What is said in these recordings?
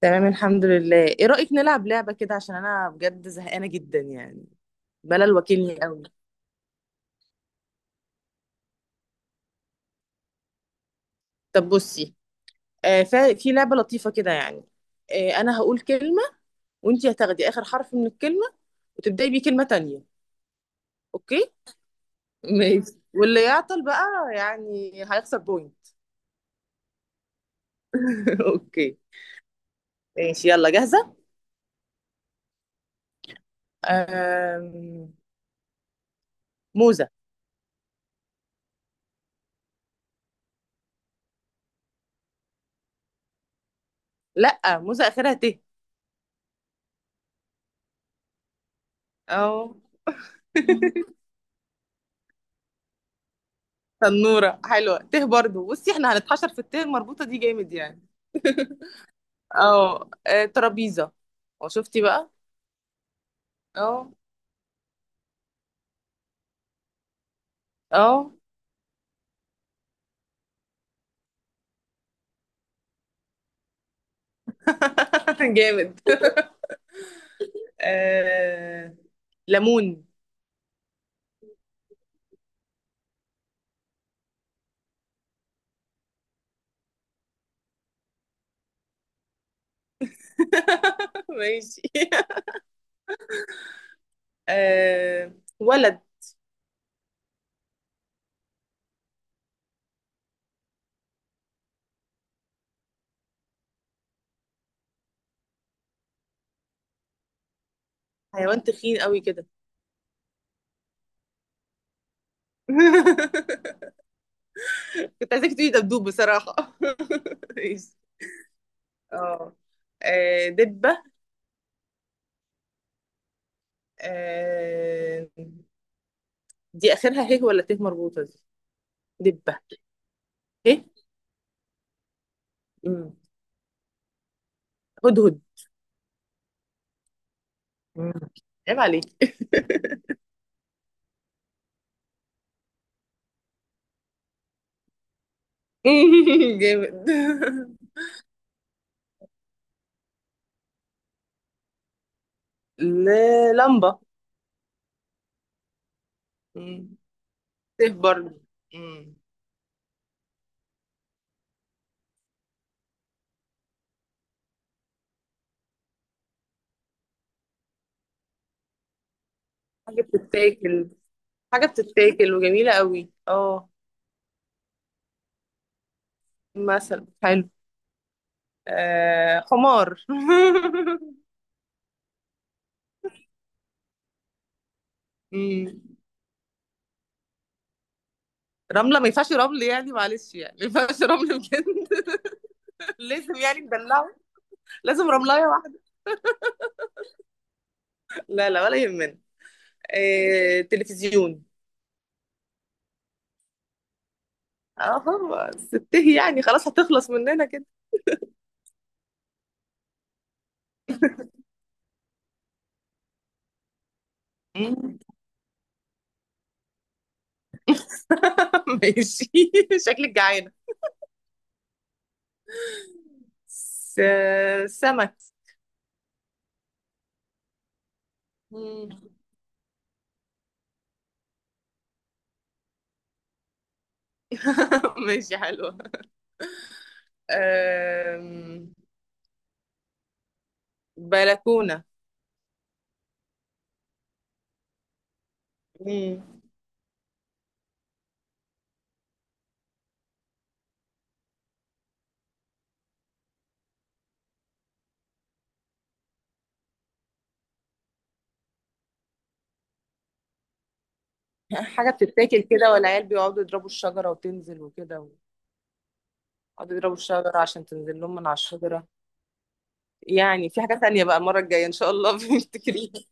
تمام الحمد لله، ايه رأيك نلعب لعبة كده؟ عشان انا بجد زهقانة جدا يعني، ملل واكلني قوي. طب بصي، في لعبة لطيفة كده يعني. انا هقول كلمة وانتي هتاخدي اخر حرف من الكلمة وتبدأي بيه كلمة تانية. اوكي؟ ماشي، واللي يعطل بقى يعني هيخسر بوينت. اوكي. ماشي، يلا جاهزة. آم... موزة. لا، موزة اخرها ت. اه، تنورة. حلوة ت برضو، بصي احنا هنتحشر في الت المربوطة دي جامد يعني. اه، ترابيزة. وشفتي بقى. اه. اه. جامد. آه... ليمون. ماشي. آه... ولد. حيوان تخين قوي كده. كنت عايزاك تقولي دبدوب بصراحة. ماشي. اه، دبة. آه... دي آخرها هيه ولا ته مربوطة دي؟ دبة. هيه. مم. هدهد. مم. عيب عليك. جامد. للمبة. مم. سيف برضه. امم حاجة بتتاكل. حاجة بتتاكل وجميلة قوي، اه. مثلا حلو. آه، حمار. امم رملة. ما ينفعش رمل يعني، معلش يعني ما ينفعش رمل بجد. لازم يعني ندلعه، لازم رملاية واحدة. لا لا، ولا يهمنا. آه، تلفزيون. اه خلاص تنتهي يعني، خلاص هتخلص مننا كده. مم. ماشي. شكلك جعانة. س- سمك. مم. ماشي، حلوة. أم... بلكونة. مم. حاجة بتتاكل كده، والعيال بيقعدوا يضربوا الشجرة وتنزل وكده، ويقعدوا يضربوا الشجرة عشان تنزل لهم من على الشجرة. يعني في حاجة تانية بقى، المرة الجاية إن شاء الله بنفتكريها.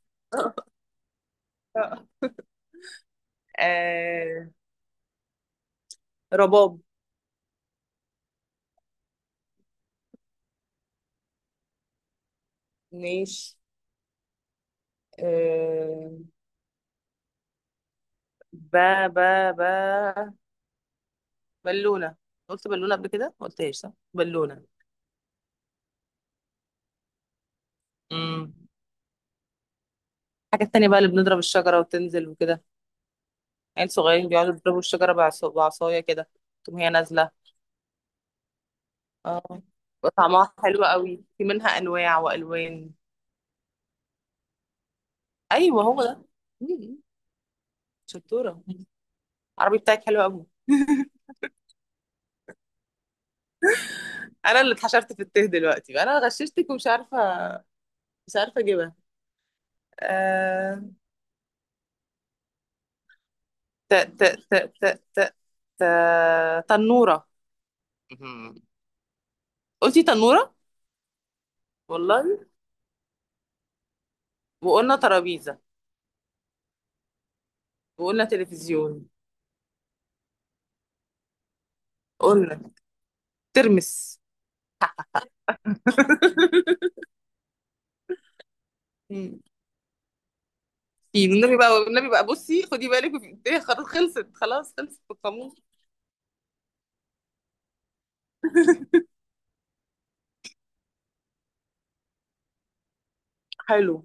آه... رباب. ماشي. آه... با با با بالونة. قلت بالونة قبل كده؟ ما قلتهاش صح؟ بالونة. مم. الحاجة التانية بقى، اللي بنضرب الشجرة وتنزل وكده، عيل صغيرين بيقعدوا يضربوا الشجرة بعصاية كده، تقوم هي نازلة. اه، طعمها حلو قوي، في منها أنواع وألوان. أيوه، هو ده. مم. شطورة. العربي بتاعك حلو قوي. أنا اللي اتحشرت في الته دلوقتي بقى. أنا غششتك ومش عارفة، مش عارفة أجيبها. آه... ت ت ت ت ت ت تنورة. مم. قلتي تنورة. والله؟ وقلنا ترابيزة، وقلنا تلفزيون، قلنا ترمس. مم. إيه، والنبي بقى والنبي بقى بصي خدي بالك، ايه خلاص خلصت، خلاص خلصت القاموس. حلو.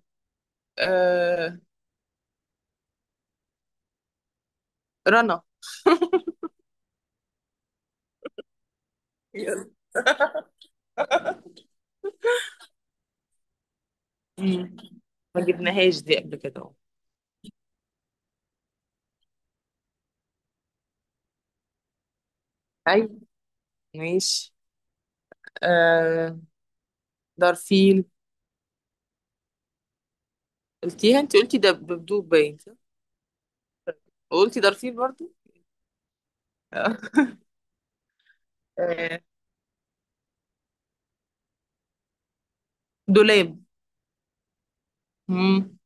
آه، رنا. يلا. مم. ما جبناهاش دي قبل كده اهو. ايوه، ماشي. آه، دارفيل. قلتيها انت، قلتي ده بدوب باين صح؟ وقلتي دارفيل برضو. آه، آه، دولاب. مم.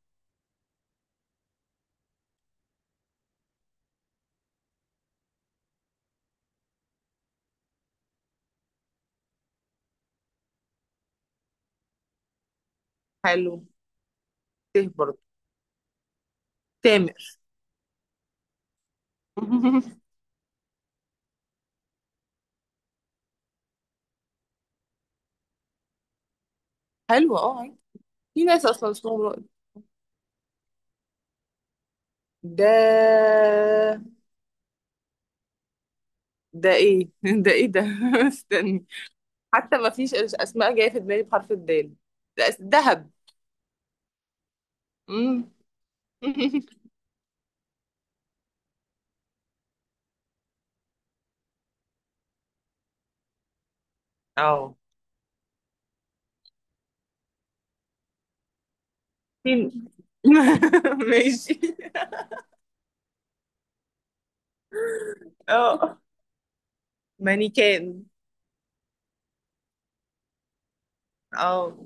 حلو، ته برضو. تامر. حلو، اه عادي. في ناس اصلا اسمهم رائد. ده ده ايه؟ ده ايه ده؟ استني. حتى ما فيش اسماء جايه في دماغي بحرف الدال. لا، دهب. مم. اه. فين؟ ماشي. اه، مانيكان. اه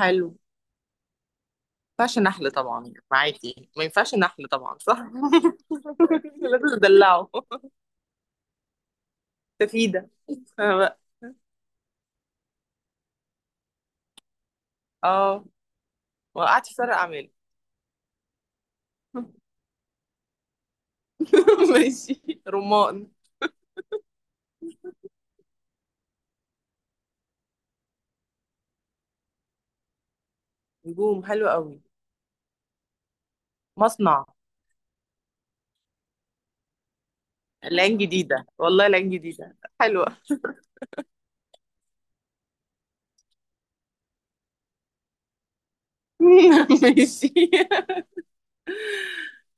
حلو. ما ينفعش نحل طبعا معاكي، ما ينفعش نحل طبعا صح. لازم ندلعه. سفيدة. أنا بقى. اه. وقعت في فرق اعمال. ماشي. رمان. نجوم حلو قوي. مصنع. لان جديدة والله، لان جديدة حلوة. ماشي.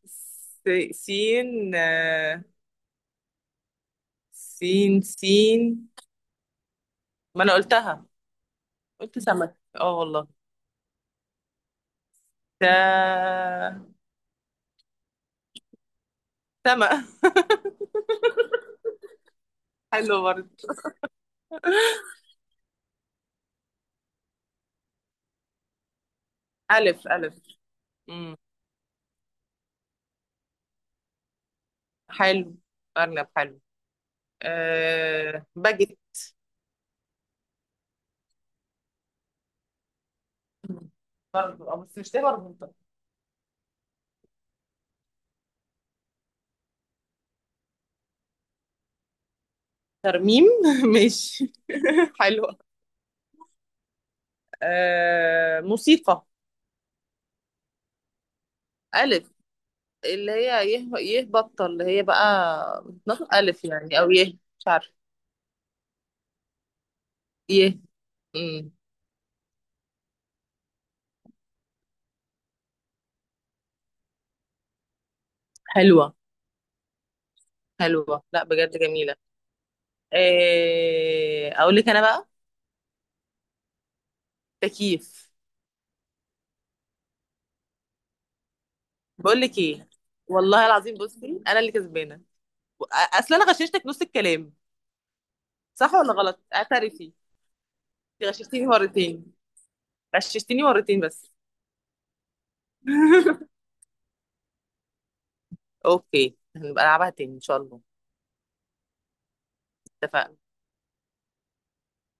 س... سين. سين. ما انا قلتها، قلت سمك اه والله. تا سمك. حلو برضه. ألف ألف. امم حلو. أرنب حلو. أه، باجت. برضه أه، بس مش تبقى مربوطة. ترميم. ماشي. حلو. أه، موسيقى. ألف، اللي هي يه. يه بطة اللي هي بقى بتنطق ألف يعني، أو يه. مش عارفة. يه. امم حلوة، حلوة لا بجد جميلة. إيه اقول لك انا بقى؟ تكييف. بقول لك ايه؟ والله العظيم بصي انا اللي كسبانة، اصل انا غششتك نص الكلام. صح ولا غلط؟ اعترفي. انت غششتيني مرتين، غششتيني مرتين بس. اوكي، هنبقى نلعبها تاني ان شاء الله. اتفقنا.